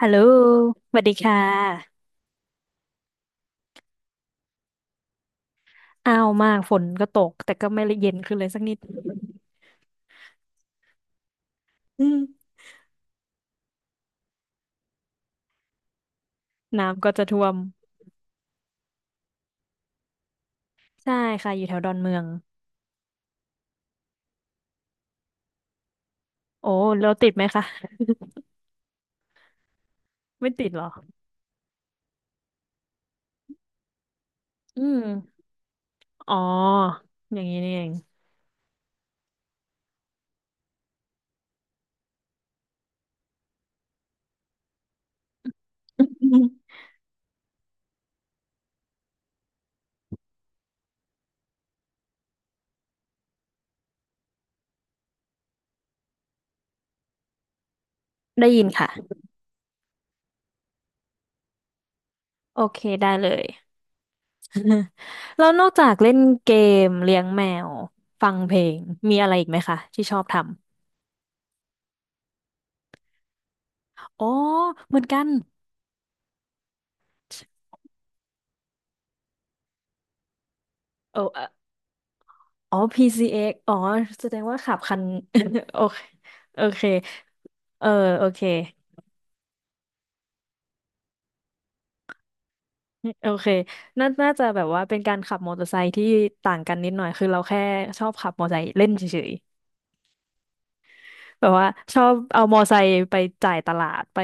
ฮัลโหลสวัสดีค่ะ อ้าวมาก ฝนก็ตก แต่ก็ไม่เย็นขึ้นเลยสักนิดอืมน้ำก็จะท่วม ใช่ค่ะ อยู่แถวดอนเมือง โอ้แล้วติดไหมคะ ไม่ติดหรออืมอ๋อ อย่างนี้นี่เอง ได้ยินค่ะ โอเค ได้เลย แล้วนอกจากเล่นเกม เลี้ยงแมว ฟังเพลง มีอะไรอีกไหมคะที่ชอบทำอ๋อเหมือนกันโอ้ อ๋อ PCX อกซ์อ๋อแสดงว่าขับคัน โอเคโอเคเออโอเคโอเคน่าน่าจะแบบว่าเป็นการขับมอเตอร์ไซค์ที่ต่างกันนิดหน่อยคือเราแค่ชอบขับมอเตอร์ไซค์เล่นเฉยๆแบบว่าชอบเอามอเตอร์ไซค์ไปจ่ายตลาดไป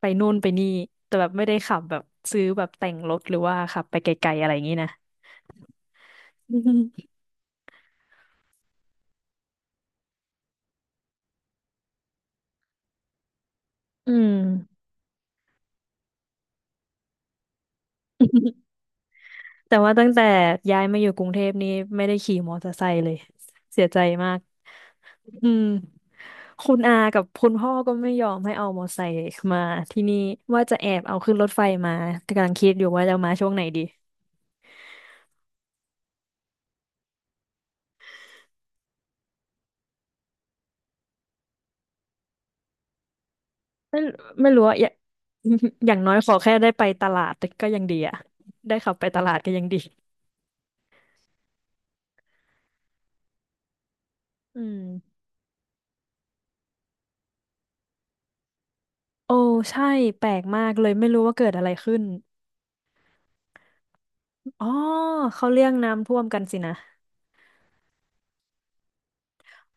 ไปนู่นไปนี่แต่แบบไม่ได้ขับแบบซื้อแบบแต่งรถหรือว่าขับไปไกลๆอะไรอย่างนี้นะ อืมแต่ว่าตั้งแต่ย้ายมาอยู่กรุงเทพนี่ไม่ได้ขี่มอเตอร์ไซค์เลยเสียใจมาก อืมคุณอากับคุณพ่อก็ไม่ยอมให้เอามอไซค์มาที่นี่ว่าจะแอบเอาขึ้นรถไฟมาแต่กำลังคิดอยู่ว่าจะเอามาช่วงไหนดีไม่ไม่รู้ว่าอะอย่า อย่างน้อยขอแค่ได้ไปตลาดก็ยังดีอะได้ขับไปตลาดก็ยังดีอืมโอ้ใช่แปลกมากเลยไม่รู้ว่าเกิดอะไรขึ้นอ๋อเขาเรียกน้ำท่วมกันสินะ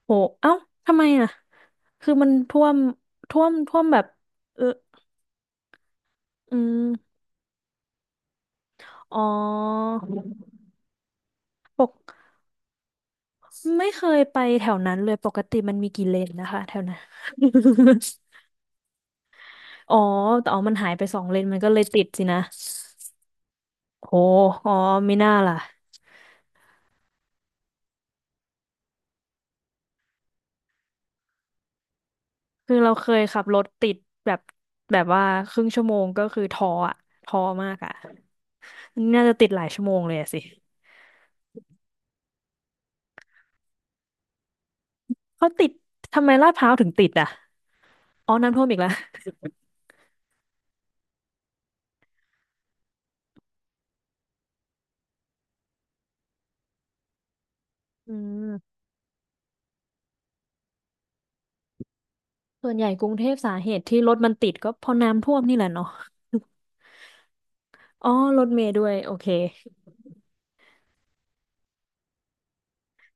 โอ้เอ้าทำไมอ่ะคือมันท่วมท่วมแบบเอออืมอ๋อปก ไม่เคยไปแถวนั้นเลยปกติมันมีกี่เลนนะคะแถวนั้น อ๋อแต่อ๋อมันหายไปสองเลนมันก็เลยติดสินะโหอ๋อไม่น่าล่ะคือเราเคยขับรถติดแบบแบบว่าครึ่งชั่วโมงก็คือท้ออะท้อมากอะน่าจะติดหลายชั่วโมงเลยอะสิเขาติดทำไมลาดพร้าวถึงติดอะอ๋อน้ำท่วมอีกแล้วอืมส่วนใหญ่กรุงเทพสาเหตุที่รถมันติดก็เพราะน้ำท่วมนี่แหละเนาะอ๋อรถเมล์ด้วยโอเค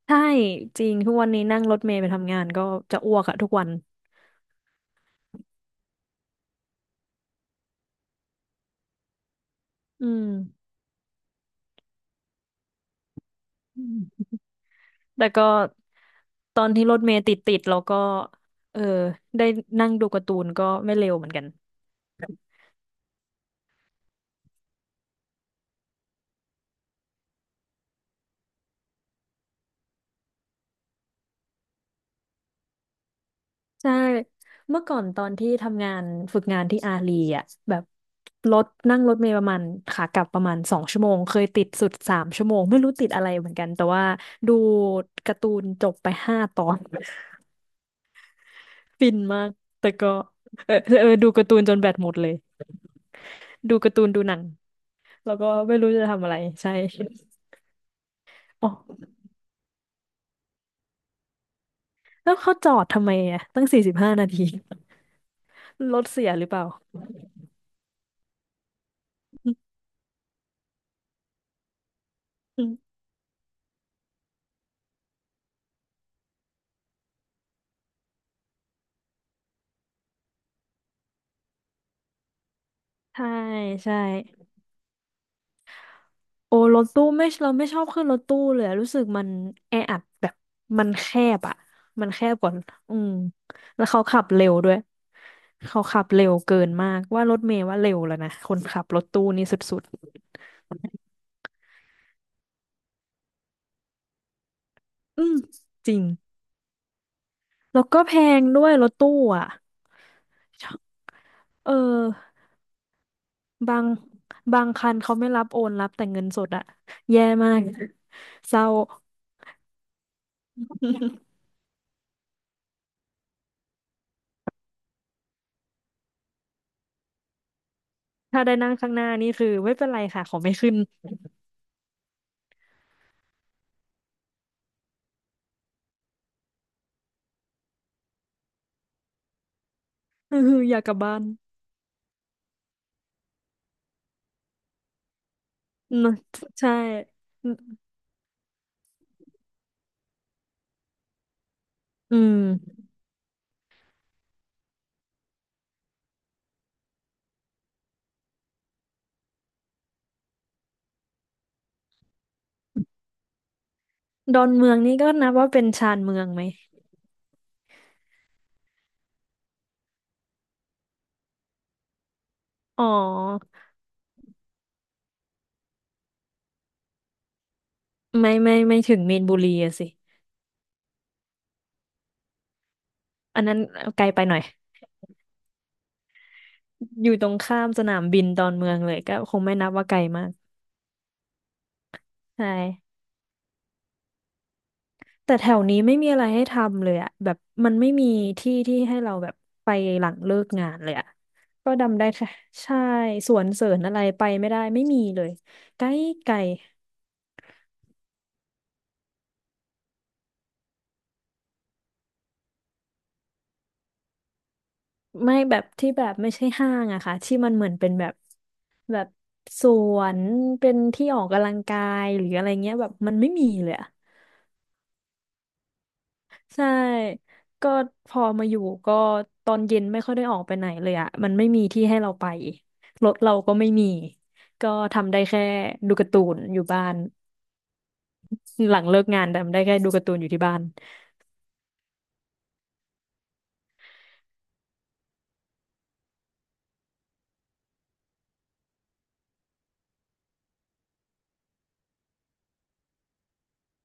ใช่จริงทุกวันนี้นั่งรถเมล์ไปทำงานก็จะอ้วกอะทุกวันอืมอืมแต่ก็ตอนที่รถเมล์ติดเราก็เออได้นั่งดูการ์ตูนก็ไม่เร็วเหมือนกันใช่เมื่อก่อนตอนที่ทำงานฝึกงานที่อาลีอ่ะแบบรถนั่งรถเมล์ประมาณขากลับประมาณสองชั่วโมงเคยติดสุดสามชั่วโมงไม่รู้ติดอะไรเหมือนกันแต่ว่าดูการ์ตูนจบไปห้าตอน ฟินมากแต่ก็เออเออดูการ์ตูนจนแบตหมดเลย ดูการ์ตูนดูหนังแล้วก็ไม่รู้จะทำอะไรใช่อ๋อแล้วเขาจอดทำไมอ่ะตั้งสี่สิบห้านาทีรถเสียหรือเปล่าอืมใช่ใช่โอ้รถตู้ไม่เราไม่ชอบขึ้นรถตู้เลยอะรู้สึกมันแออัดแบบมันแคบอ่ะมันแคบกว่าอืมแล้วเขาขับเร็วด้วยเขาขับเร็วเกินมากว่ารถเมล์ว่าเร็วแล้วนะคนขับรถตู้นี่สุดๆอืมจริงแล้วก็แพงด้วยรถตู้อ่ะ เออบางบางคันเขาไม่รับโอนรับแต่เงินสดอะแย่มากเศร้าถ้าได้นั่งข้างหน้านี่คือไม่เป็นไรค่ะขอไม่ขึ้น อืออยากกลับบ้าน นะใช่อืมดอนเมืองนี่ก็นับว่าเป็นชานเมืองไหมอ๋อไม่ไม่ไม่ถึงมีนบุรีอะสิอันนั้นไกลไปหน่อยอยู่ตรงข้ามสนามบินดอนเมืองเลยก็คงไม่นับว่าไกลมากใช่ แต่แถวนี้ไม่มีอะไรให้ทำเลยอะแบบมันไม่มีที่ที่ให้เราแบบไปหลังเลิกงานเลยอะก็ดำได้แค่ใช่สวนเสริญอะไรไปไม่ได้ไม่มีเลยไกลไกลไม่แบบที่แบบไม่ใช่ห้างอะค่ะที่มันเหมือนเป็นแบบแบบสวนเป็นที่ออกกำลังกายหรืออะไรเงี้ยแบบมันไม่มีเลยอะ ใช่ก็พอมาอยู่ก็ตอนเย็นไม่ค่อยได้ออกไปไหนเลยอะมันไม่มีที่ให้เราไปรถเราก็ไม่มีก็ทำได้แค่ดูการ์ตูนอยู่บ้าน หลังเลิกงานทำได้แค่ดูการ์ตูนอยู่ที่บ้าน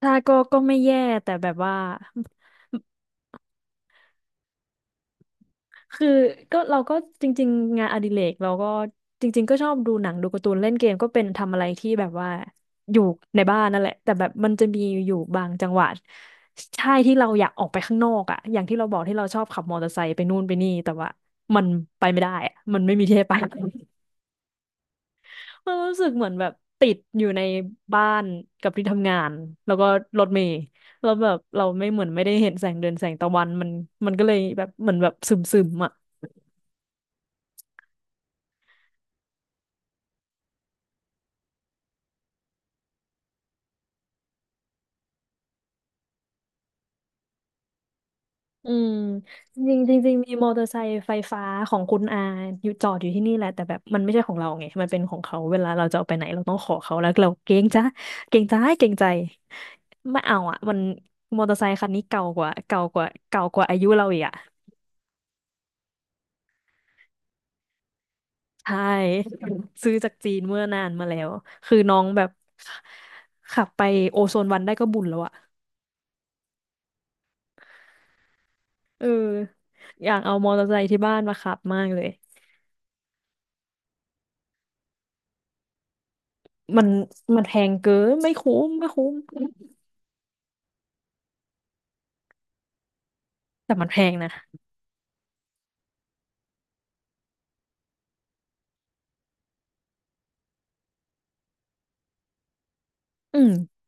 ถ้าก็ไม่แย่แต่แบบว่า คือเราก็จริงๆงานอดิเรกเราก็จริงๆก็ชอบดูหนังดูการ์ตูนเล่นเกมก็เป็นทำอะไรที่แบบว่าอยู่ในบ้านนั่นแหละแต่แบบมันจะมีอยู่บางจังหวะใช่ที่เราอยากออกไปข้างนอกอ่ะอย่างที่เราบอกที่เราชอบขับมอเตอร์ไซค์ไปนู่นไปนี่แต่ว่ามันไปไม่ได้อะมันไม่มีที่ให้ไป มันรู้สึกเหมือนแบบติดอยู่ในบ้านกับที่ทำงานแล้วก็รถเมล์แล้วแบบเราไม่เหมือนไม่ได้เห็นแสงเดือนแสงตะวันมันมันก็เลยแบบเหมือนแบบซึม อืมจริงจริงจริงๆมีมอเตอร์ไซค์ไฟฟ้าของคุณอาอยู่จอดอยู่ที่นี่แหละแต่แบบมันไม่ใช่ของเราไงมันเป็นของเขาเวลาเราจะเอาไปไหนเราต้องขอเขาแล้วเราเกรงจ้าเกรงใจไม่เอาอ่ะมันมอเตอร์ไซค์คันนี้เก่ากว่าเก่ากว่าเก่ากว่าอายุเราอีกอ่ะใช่ ซื้อจากจีนเมื่อนานมาแล้วคือน้องแบบขับไปโอโซนวันได้ก็บุญแล้วอ่ะเอออยากเอามอเตอร์ไซค์ที่บ้านมาขับมากเลยมันมันแพงเกินไม่คุ้มไม่คุ้ม แต่มันแพงนะอืม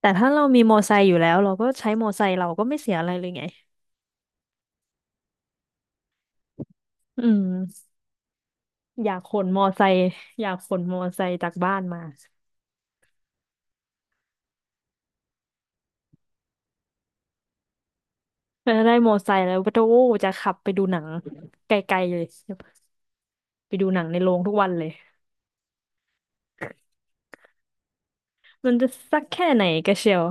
แต่ถ้าเรามีมอไซค์อยู่แล้วเราก็ใช้มอไซค์เราก็ไม่เสียอะไรเลยไง อืมอยากขนมอไซค์อยากขนมอไซค์จากบ้านมาแล้วได้มอไซค์แล้วก็โอ้จะขับไปดูหนังไกลๆเลย ไปดูหนังในโรงทุกวันเลย มันจะสักแค่ไหนกระเชียว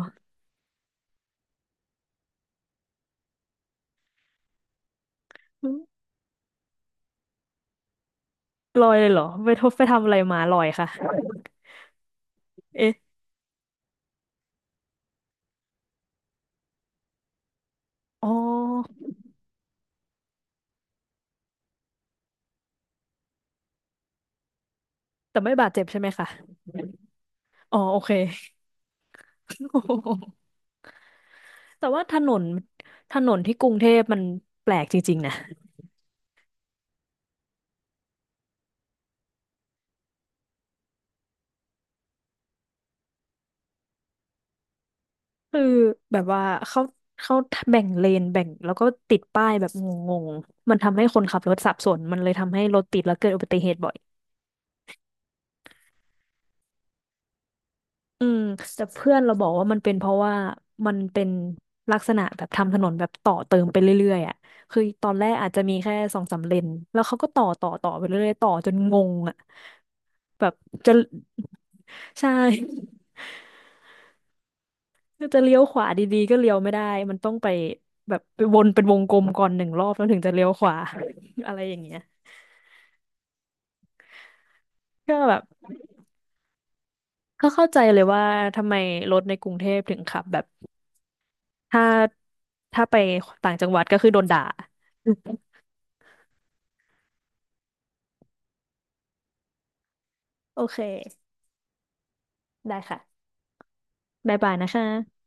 ลอยเลยเหรอไปทบไปทำอะไรมาลอยค่ะเอ๊ะอ๋อแต่ไม่บาดเจ็บใช่ไหมคะอ๋อโอเค แต่ว่าถนนถนนที่กรุงเทพมันแปลกจริงๆนะ คือแบบว่าเขาเขาแบ่งเลนแบ่งแล้วก็ติดป้ายแบบงงๆมันทำให้คนขับรถสับสนมันเลยทำให้รถติดแล้วเกิดอุบัติเหตุบ่อยอืมแต่เพื่อนเราบอกว่ามันเป็นเพราะว่ามันเป็นลักษณะแบบทำถนนแบบต่อเติมไปเรื่อยๆอ่ะคือตอนแรกอาจจะมีแค่สองสามเลนแล้วเขาก็ต่อไปเรื่อยๆต่อจนงงอ่ะแบบจะ ใช่ คือจะเลี้ยวขวาดีๆก็เลี้ยวไม่ได้ มันต้องไปแบบไปวนเป็นวงกลมก่อนหนึ่งรอบแล้วถึงจะเลี้ยวขวา อะไรอย่างเงี้ยก็แบบก็เข้าใจเลยว่าทำไมรถในกรุงเทพถึงขับแบบถ้าถ้าไปต่างจังหวัดก็คือโดนด่า โอเคได้ค่ะบ๊ายบายนะคะ